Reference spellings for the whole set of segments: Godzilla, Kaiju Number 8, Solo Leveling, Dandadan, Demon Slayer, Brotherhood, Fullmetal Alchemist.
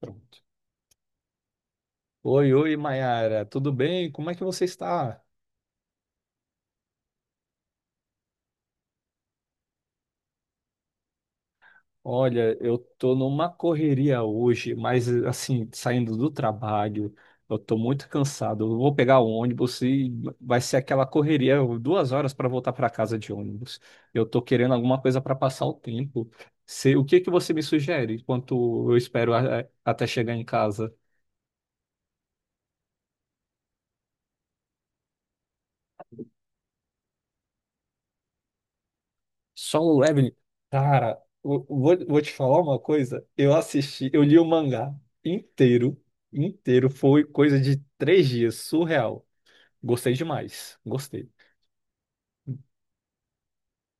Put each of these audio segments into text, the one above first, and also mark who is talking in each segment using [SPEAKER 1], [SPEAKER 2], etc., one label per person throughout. [SPEAKER 1] Pronto. Oi, oi, Mayara, tudo bem? Como é que você está? Olha, eu tô numa correria hoje, mas assim, saindo do trabalho, eu tô muito cansado. Eu vou pegar o ônibus e vai ser aquela correria, 2 horas para voltar para casa de ônibus. Eu tô querendo alguma coisa para passar o tempo. O que que você me sugere enquanto eu espero até chegar em casa? Solo Leveling. Cara, eu vou te falar uma coisa. Eu assisti, eu li o mangá inteiro, inteiro. Foi coisa de 3 dias, surreal. Gostei demais, gostei.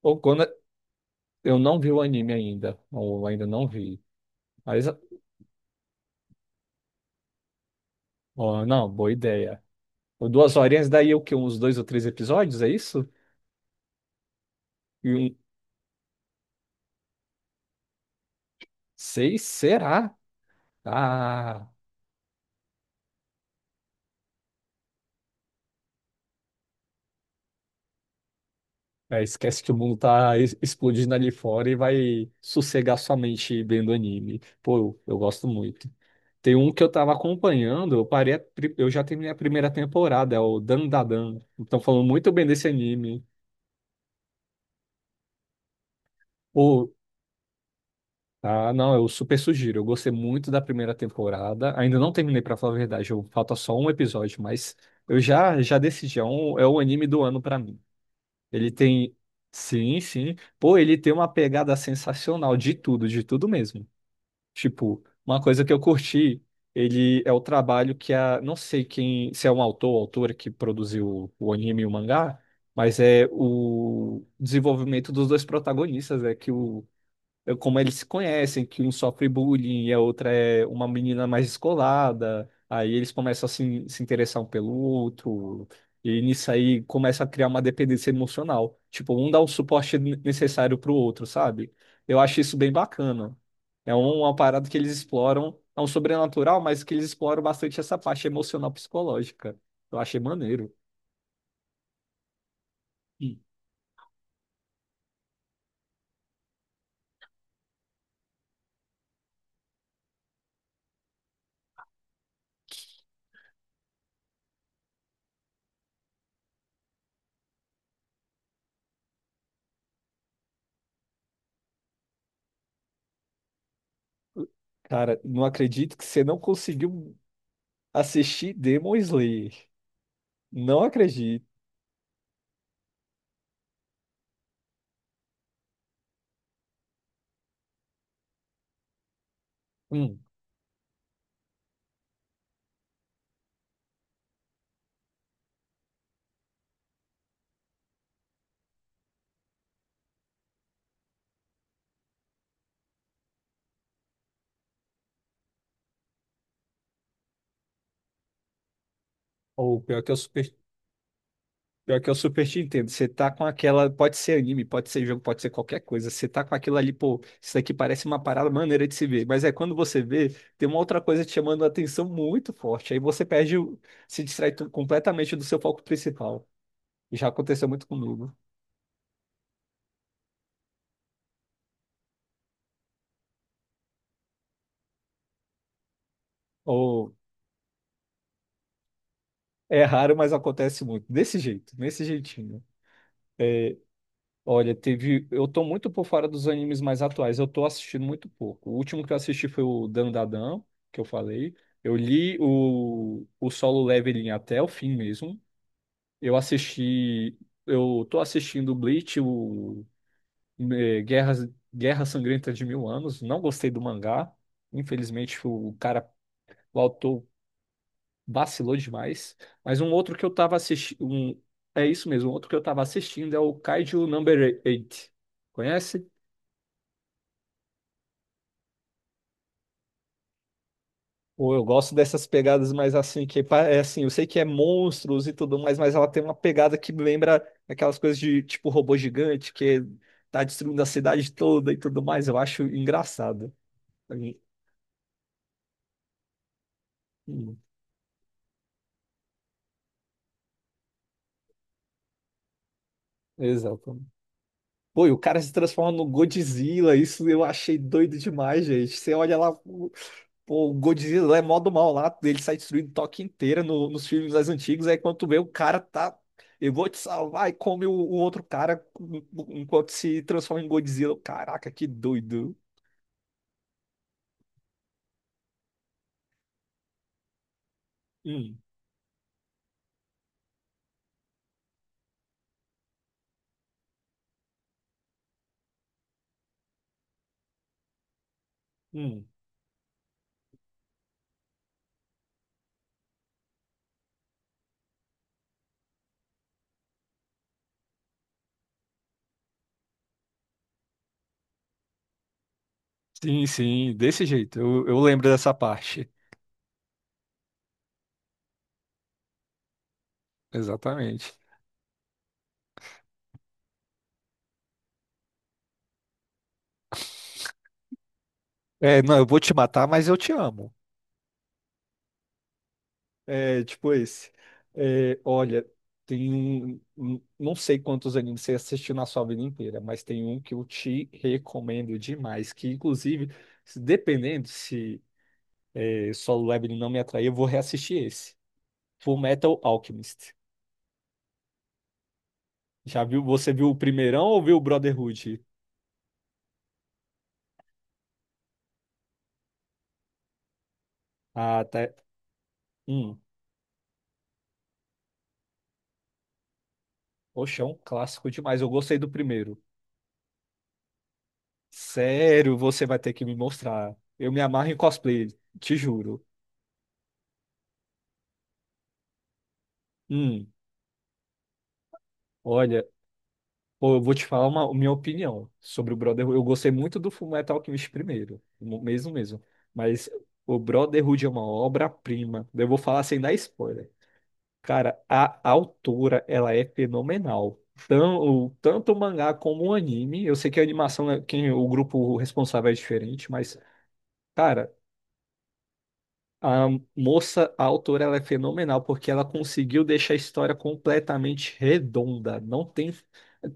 [SPEAKER 1] Ou quando eu não vi o anime ainda, ou ainda não vi. Mas, ó, não, boa ideia. Ou duas horinhas, daí o quê? Uns dois ou três episódios, é isso? E seis, será? Ah. É, esquece que o mundo tá explodindo ali fora e vai sossegar sua mente vendo anime. Pô, eu gosto muito. Tem um que eu tava acompanhando, eu parei, eu já terminei a primeira temporada, é o Dandadan. Estão falando muito bem desse anime. Pô, ah, não, eu super sugiro. Eu gostei muito da primeira temporada. Ainda não terminei, pra falar a verdade, falta só um episódio, mas eu já decidi, é o anime do ano pra mim. Ele tem. Sim, sim. Pô, ele tem uma pegada sensacional de tudo mesmo. Tipo, uma coisa que eu curti, ele é o trabalho que não sei quem, se é um autor ou autora que produziu o anime e o mangá, mas é o desenvolvimento dos dois protagonistas, é que como eles se conhecem, que um sofre bullying e a outra é uma menina mais descolada. Aí eles começam a se interessar um pelo outro. E nisso aí começa a criar uma dependência emocional. Tipo, um dá o suporte necessário pro outro, sabe? Eu acho isso bem bacana. É uma parada que eles exploram, é um sobrenatural, mas que eles exploram bastante essa parte emocional psicológica. Eu achei maneiro. Ih. Cara, não acredito que você não conseguiu assistir Demon Slayer. Não acredito. Ou pior que eu super, Pior que eu super te entendo. Você tá com aquela. Pode ser anime, pode ser jogo, pode ser qualquer coisa. Você tá com aquilo ali, pô, isso daqui parece uma parada maneira de se ver. Mas é quando você vê, tem uma outra coisa te chamando a atenção muito forte. Aí você perde, se distrai completamente do seu foco principal. Já aconteceu muito comigo. Ou é raro, mas acontece muito. Desse jeito, nesse jeitinho. Olha, teve. Eu tô muito por fora dos animes mais atuais. Eu tô assistindo muito pouco. O último que eu assisti foi o Dandadan, que eu falei. Eu li o Solo Leveling até o fim mesmo. Eu assisti. Eu tô assistindo o Bleach, o eh, Guerras, Guerra Sangrenta de Mil Anos. Não gostei do mangá. Infelizmente, o cara, o autor vacilou demais. Mas um outro que eu tava assistindo. É isso mesmo, um outro que eu tava assistindo é o Kaiju Number 8. Conhece? Ou eu gosto dessas pegadas mais assim, que é assim, eu sei que é monstros e tudo mais, mas ela tem uma pegada que me lembra aquelas coisas de tipo robô gigante que tá destruindo a cidade toda e tudo mais. Eu acho engraçado. Hum, Exato. Pô, e o cara se transforma no Godzilla. Isso eu achei doido demais, gente. Você olha lá, pô, o Godzilla é mó do mal lá. Ele sai destruindo Tóquio inteira nos filmes mais antigos. Aí quando tu vê o cara tá. Eu vou te salvar e come o outro cara enquanto se transforma em Godzilla. Caraca, que doido. Hum, hum. Sim, sim, desse jeito. Eu lembro dessa parte. Exatamente. É, não, eu vou te matar, mas eu te amo. É, tipo esse. É, olha, tem um, não sei quantos animes você assistiu na sua vida inteira, mas tem um que eu te recomendo demais, que inclusive, dependendo se Solo Leveling não me atrair, eu vou reassistir esse. Full Metal Alchemist. Já viu? Você viu o primeirão ou viu o Brotherhood? Ah, até. Hum, poxa, é um clássico demais. Eu gostei do primeiro. Sério, você vai ter que me mostrar. Eu me amarro em cosplay, te juro. Hum. Olha, pô, eu vou te falar uma minha opinião sobre o Brotherhood. Eu gostei muito do Fullmetal Alchemist primeiro, mesmo mesmo. Mas o Brotherhood é uma obra-prima. Eu vou falar sem dar spoiler. Cara, a autora, ela é fenomenal. Tanto o mangá como o anime. Eu sei que a animação, o grupo responsável é diferente, mas, cara. A moça, a autora, ela é fenomenal porque ela conseguiu deixar a história completamente redonda. Não tem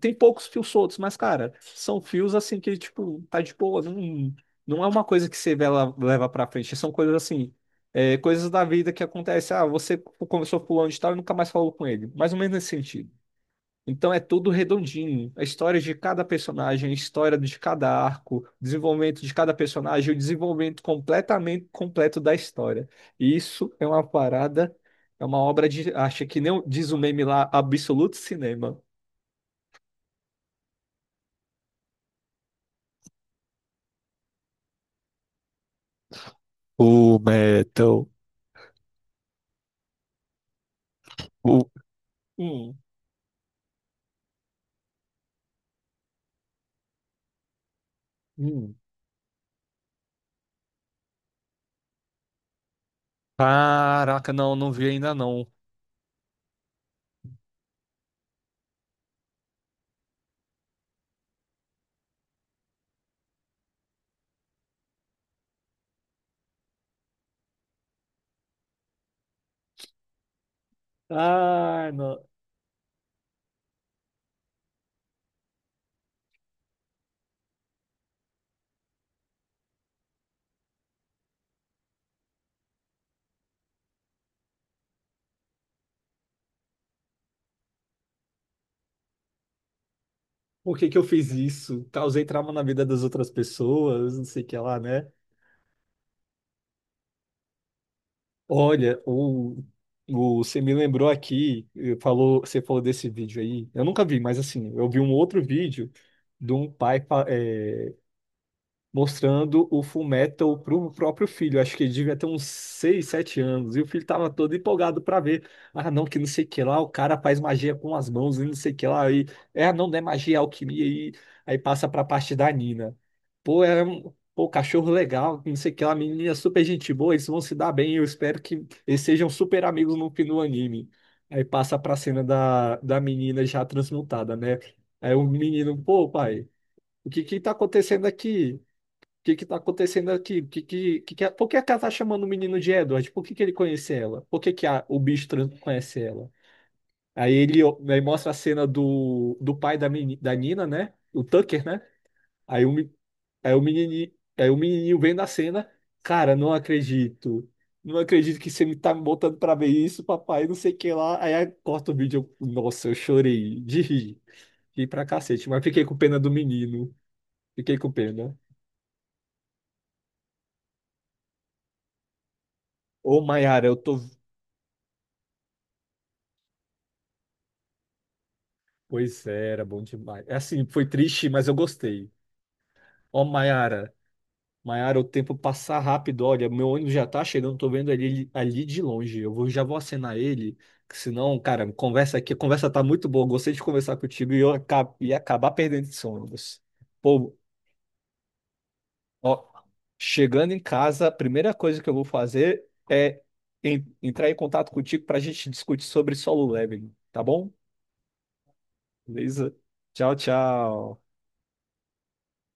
[SPEAKER 1] tem poucos fios soltos, mas cara, são fios assim que tipo tá de boa, não, não é uma coisa que você vê ela leva pra frente. São coisas assim, coisas da vida que acontece. Ah, você conversou com fulano de tal e nunca mais falou com ele. Mais ou menos nesse sentido. Então é tudo redondinho. A história de cada personagem, a história de cada arco, o desenvolvimento de cada personagem, o desenvolvimento completamente completo da história. E isso é uma parada, é uma obra de acho que nem diz o meme lá, absoluto cinema. O Metal. O... Hum, hum. Caraca, não, não vi ainda não. Ah, não. Por que que eu fiz isso? Causei trauma na vida das outras pessoas, não sei o que lá, né? Olha, você me lembrou aqui, você falou desse vídeo aí. Eu nunca vi, mas assim, eu vi um outro vídeo de um pai mostrando o Fullmetal pro próprio filho. Acho que ele devia ter uns 6, 7 anos. E o filho tava todo empolgado pra ver. Ah, não, que não sei o que lá, o cara faz magia com as mãos e não sei o que lá. E, não, não é magia, é alquimia. E aí passa pra parte da Nina. Pô, é um pô, cachorro legal, não sei o que lá, menina super gente boa, eles vão se dar bem. Eu espero que eles sejam super amigos no fim do anime. Aí passa pra cena da menina já transmutada, né? Aí o menino, pô, pai, o que que tá acontecendo aqui? Que tá acontecendo aqui? Por que a Kata tá chamando o menino de Edward? Por que que ele conhece ela? Por que que o bicho trans conhece ela? Aí mostra a cena do pai da Nina, né? O Tucker, né? Aí aí o menininho, aí o menininho vem na cena. Cara, não acredito. Não acredito que você me tá me botando pra ver isso, papai, não sei o que lá. Aí corta o vídeo. Nossa, eu chorei de rir. Ri pra cacete, mas fiquei com pena do menino. Fiquei com pena. Ô, Mayara, eu tô. Pois é, era bom demais. É assim, foi triste, mas eu gostei. Ó, Maiara, Maiara, o tempo passa rápido. Olha, meu ônibus já tá chegando, tô vendo ele ali de longe. Já vou acenar ele, que senão, cara, conversa aqui, a conversa tá muito boa. Gostei de conversar contigo e eu ia acabar perdendo esse ônibus. Pô, ó, chegando em casa, a primeira coisa que eu vou fazer é entrar em contato contigo pra gente discutir sobre Solo Leveling, tá bom? Beleza? Tchau, tchau.